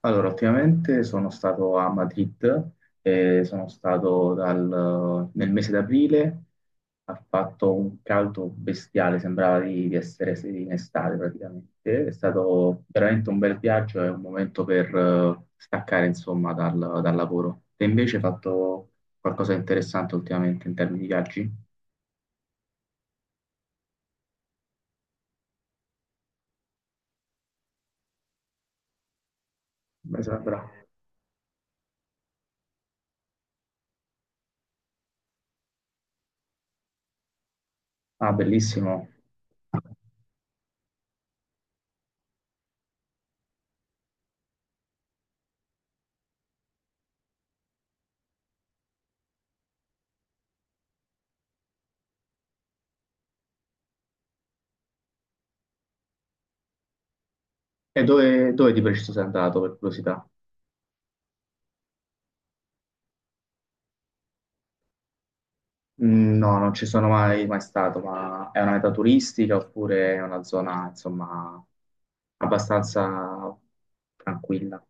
Allora, ultimamente sono stato a Madrid, sono stato nel mese d'aprile. Ha fatto un caldo bestiale, sembrava di essere sì, in estate praticamente. È stato veramente un bel viaggio e un momento per staccare insomma dal lavoro. Te invece hai fatto qualcosa di interessante ultimamente in termini di viaggi? Beh, Sandra. Ah, bellissimo. E dove di preciso sei andato per curiosità? No, non ci sono mai, mai stato, ma è una meta turistica oppure è una zona, insomma, abbastanza tranquilla.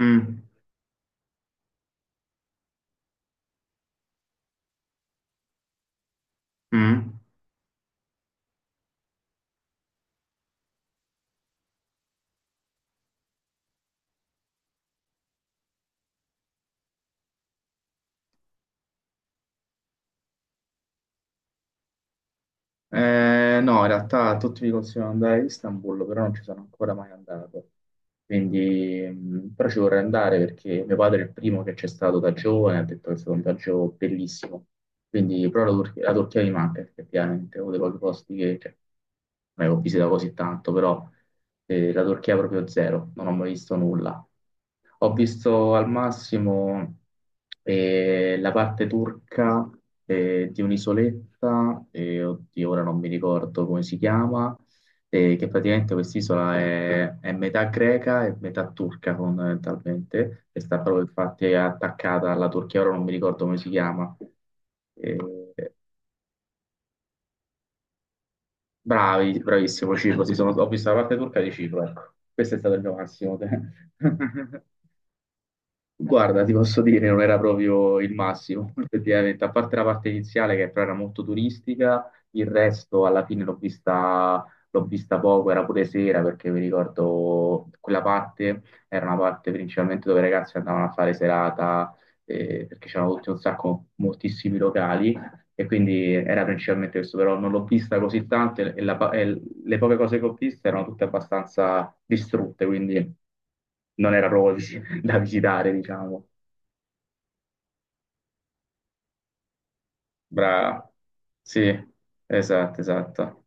Mm, mm. No, in realtà tutti mi consigliano di andare a Istanbul, però non ci sono ancora mai andato. Quindi, però ci vorrei andare perché mio padre è il primo che c'è stato da giovane, ha detto che è stato un viaggio bellissimo. Quindi, però la Turchia mi manca effettivamente, è uno dei pochi posti che cioè, non è che ho visitato così tanto, però la Turchia è proprio zero, non ho mai visto nulla. Ho visto al massimo la parte turca di un'isoletta, oddio, ora non mi ricordo come si chiama, che praticamente quest'isola è metà greca e metà turca fondamentalmente, e sta proprio infatti attaccata alla Turchia. Ora non mi ricordo come si chiama. Eh, bravi, bravissimo Cipro, sì, ho visto la parte turca di Cipro, ecco, questo è stato il mio massimo. Guarda, ti posso dire, non era proprio il massimo, effettivamente, a parte la parte iniziale che però era molto turistica. Il resto alla fine l'ho vista poco, era pure sera perché mi ricordo quella parte era una parte principalmente dove i ragazzi andavano a fare serata, perché c'erano tutti un sacco, moltissimi locali, e quindi era principalmente questo, però non l'ho vista così tanto e, e le poche cose che ho visto erano tutte abbastanza distrutte, quindi non era proprio da visitare, diciamo. Brava. Sì, esatto, esatto.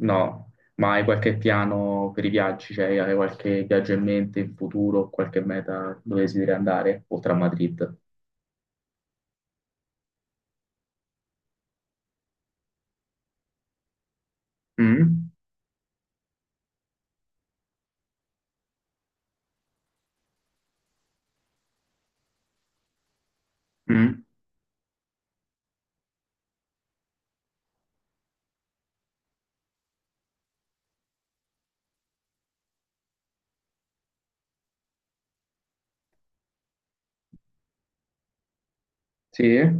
No, ma hai qualche piano per i viaggi? Cioè, hai qualche viaggio in mente in futuro, qualche meta dove desideri andare, oltre a Madrid? Mm? Mm? Sì? E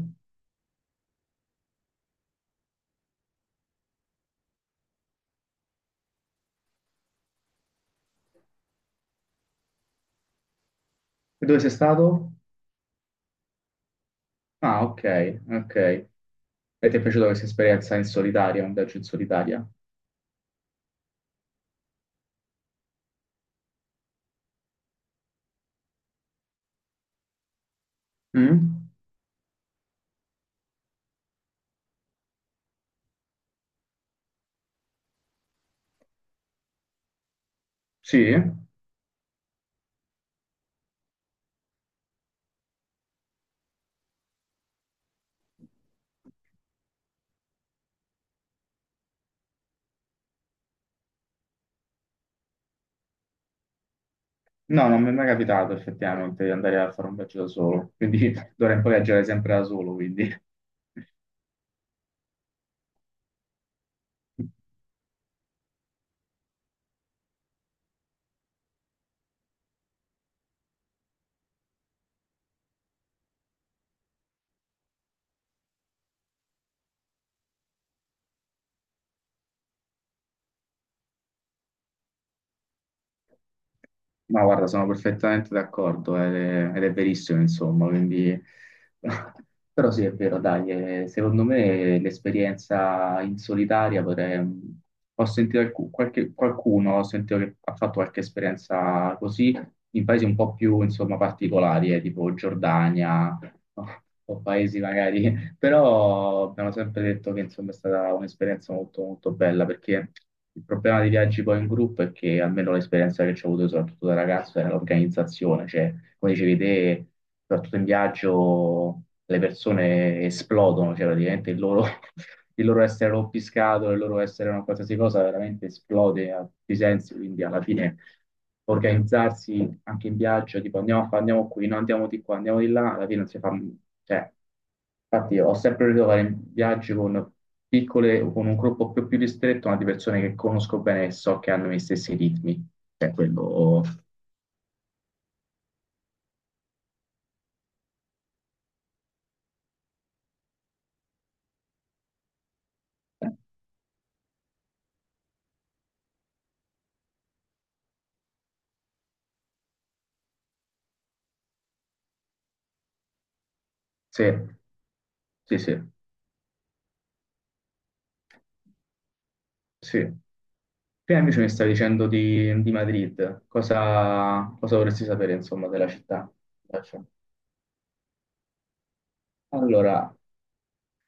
dove sei stato? Ah, ok, ok. E ti è piaciuta questa esperienza in solitaria, un viaggio in solitaria? Mm? Sì? No, non mi è mai capitato effettivamente di andare a fare un viaggio da solo, quindi. D'ora in poi viaggiare sempre da solo, quindi. Ma guarda, sono perfettamente d'accordo ed è verissimo, insomma, quindi. Però sì, è vero, dai, secondo me l'esperienza in solitaria potrei. Ho sentito qualcuno, ho sentito che ha fatto qualche esperienza così in paesi un po' più, insomma, particolari, tipo Giordania. O paesi magari. Però abbiamo sempre detto che insomma è stata un'esperienza molto molto bella perché il problema dei viaggi poi in gruppo è che almeno l'esperienza che ci ho avuto soprattutto da ragazzo era l'organizzazione, cioè come dicevi te. Soprattutto in viaggio le persone esplodono, cioè praticamente il loro, il loro essere rompiscatole, il loro essere una qualsiasi cosa veramente esplode a tutti i sensi, quindi alla fine organizzarsi anche in viaggio, tipo andiamo qui, no, andiamo di qua, andiamo di là, alla fine non si fa, cioè. Infatti ho sempre voluto fare viaggi con piccole, con un gruppo più ristretto, ma di persone che conosco bene e so che hanno gli stessi ritmi. Cioè, quello. Sì, sì, sì, sì. Prima invece mi stavi dicendo di Madrid. Cosa vorresti sapere, insomma, della città? Allora,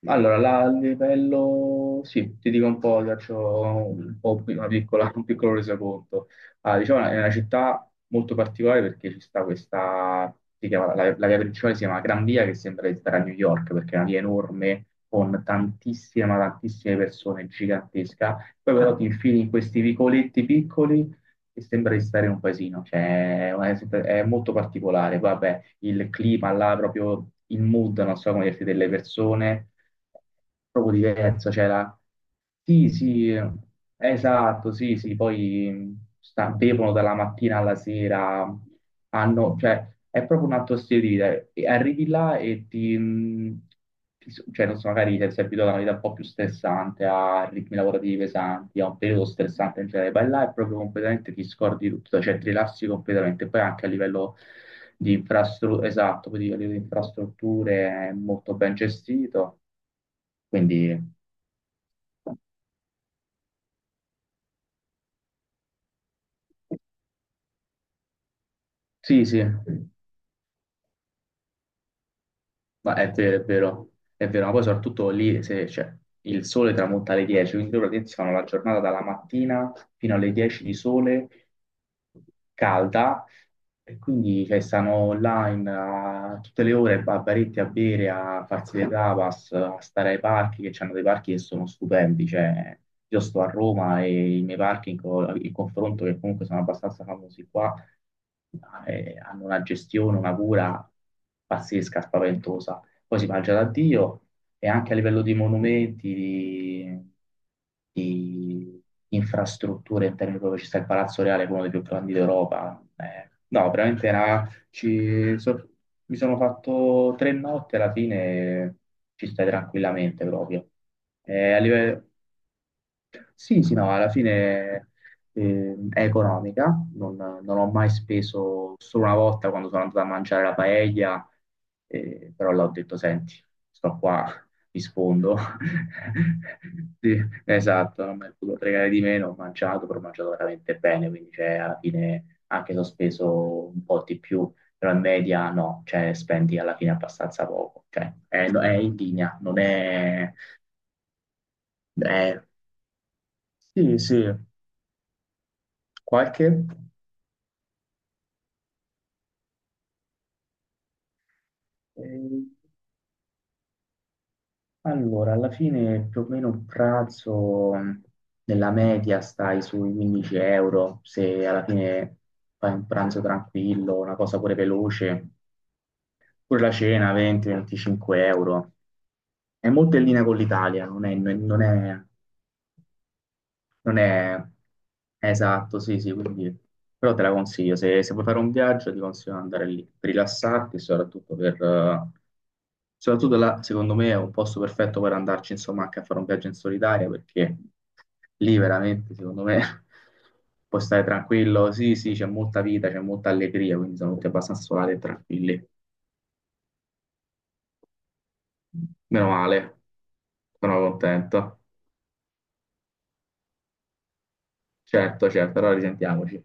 allora, il livello, sì, ti dico un po', ti faccio un po' un piccolo resoconto. Ah, diciamo, è una città molto particolare perché ci sta questa, la via principale si chiama Gran Via, che sembra di stare a New York, perché è una via enorme, con tantissime, ma tantissime persone, gigantesca. Poi però ti infili in questi vicoletti piccoli e sembra di stare in un paesino, cioè è molto particolare. Vabbè, il clima là, proprio il mood, non so come dirti, delle persone proprio diverso, cioè la. Sì, sì, esatto, sì, sì, poi bevono dalla mattina alla sera, hanno, cioè, è proprio un altro stile di vita. E arrivi là e ti, cioè, non so, magari ti sei abituato a una vita un po' più stressante, a ritmi lavorativi pesanti, a un periodo stressante in generale, vai là e proprio completamente ti scordi di tutto, cioè ti rilassi completamente. Poi anche a livello di infrastrutture, esatto, poi a livello di infrastrutture è molto ben gestito. Quindi sì, sì. Ma è vero, è vero, è vero, ma poi soprattutto lì se, cioè, il sole tramonta alle 10, quindi loro praticamente si fanno la giornata dalla mattina fino alle 10 di sole calda, e quindi cioè, stanno là in, a tutte le ore, a baretti a bere, a farsi le tapas, a stare ai parchi, che c'hanno dei parchi che sono stupendi, cioè io sto a Roma e i miei parchi in, in confronto, che comunque sono abbastanza famosi qua, hanno una gestione, una cura pazzesca, spaventosa. Poi si mangia da Dio, e anche a livello di monumenti, di infrastrutture in termini proprio ci sta il Palazzo Reale, che è uno dei più grandi d'Europa. No, veramente era, mi sono fatto tre notti alla fine, ci stai tranquillamente proprio. A livello, sì, sì, no, alla fine è economica, non ho mai speso, solo una volta quando sono andato a mangiare la paella, però l'ho detto, senti, sto qua, mi sfondo. Sì, esatto, non mi è potuto fregare di meno, ho mangiato, però ho mangiato veramente bene, quindi cioè, alla fine anche se ho speso un po' di più, però in media no, cioè spendi alla fine abbastanza poco, cioè è in linea, non è. è- Sì, sì. Qualche? Eh, allora, alla fine più o meno un pranzo nella media stai sui 15 euro, se alla fine fai un pranzo tranquillo, una cosa pure veloce, pure la cena 20-25 euro. È molto in linea con l'Italia. Non è esatto, sì, sì, quindi però te la consiglio, se, vuoi fare un viaggio ti consiglio di andare lì, per rilassarti, e soprattutto per. Soprattutto là, secondo me, è un posto perfetto per andarci, insomma, anche a fare un viaggio in solitaria, perché lì veramente, secondo me, puoi stare tranquillo. Sì, sì, c'è molta vita, c'è molta allegria, quindi sono tutti abbastanza solari e tranquilli. Meno male, sono contento. Certo, certo, allora risentiamoci.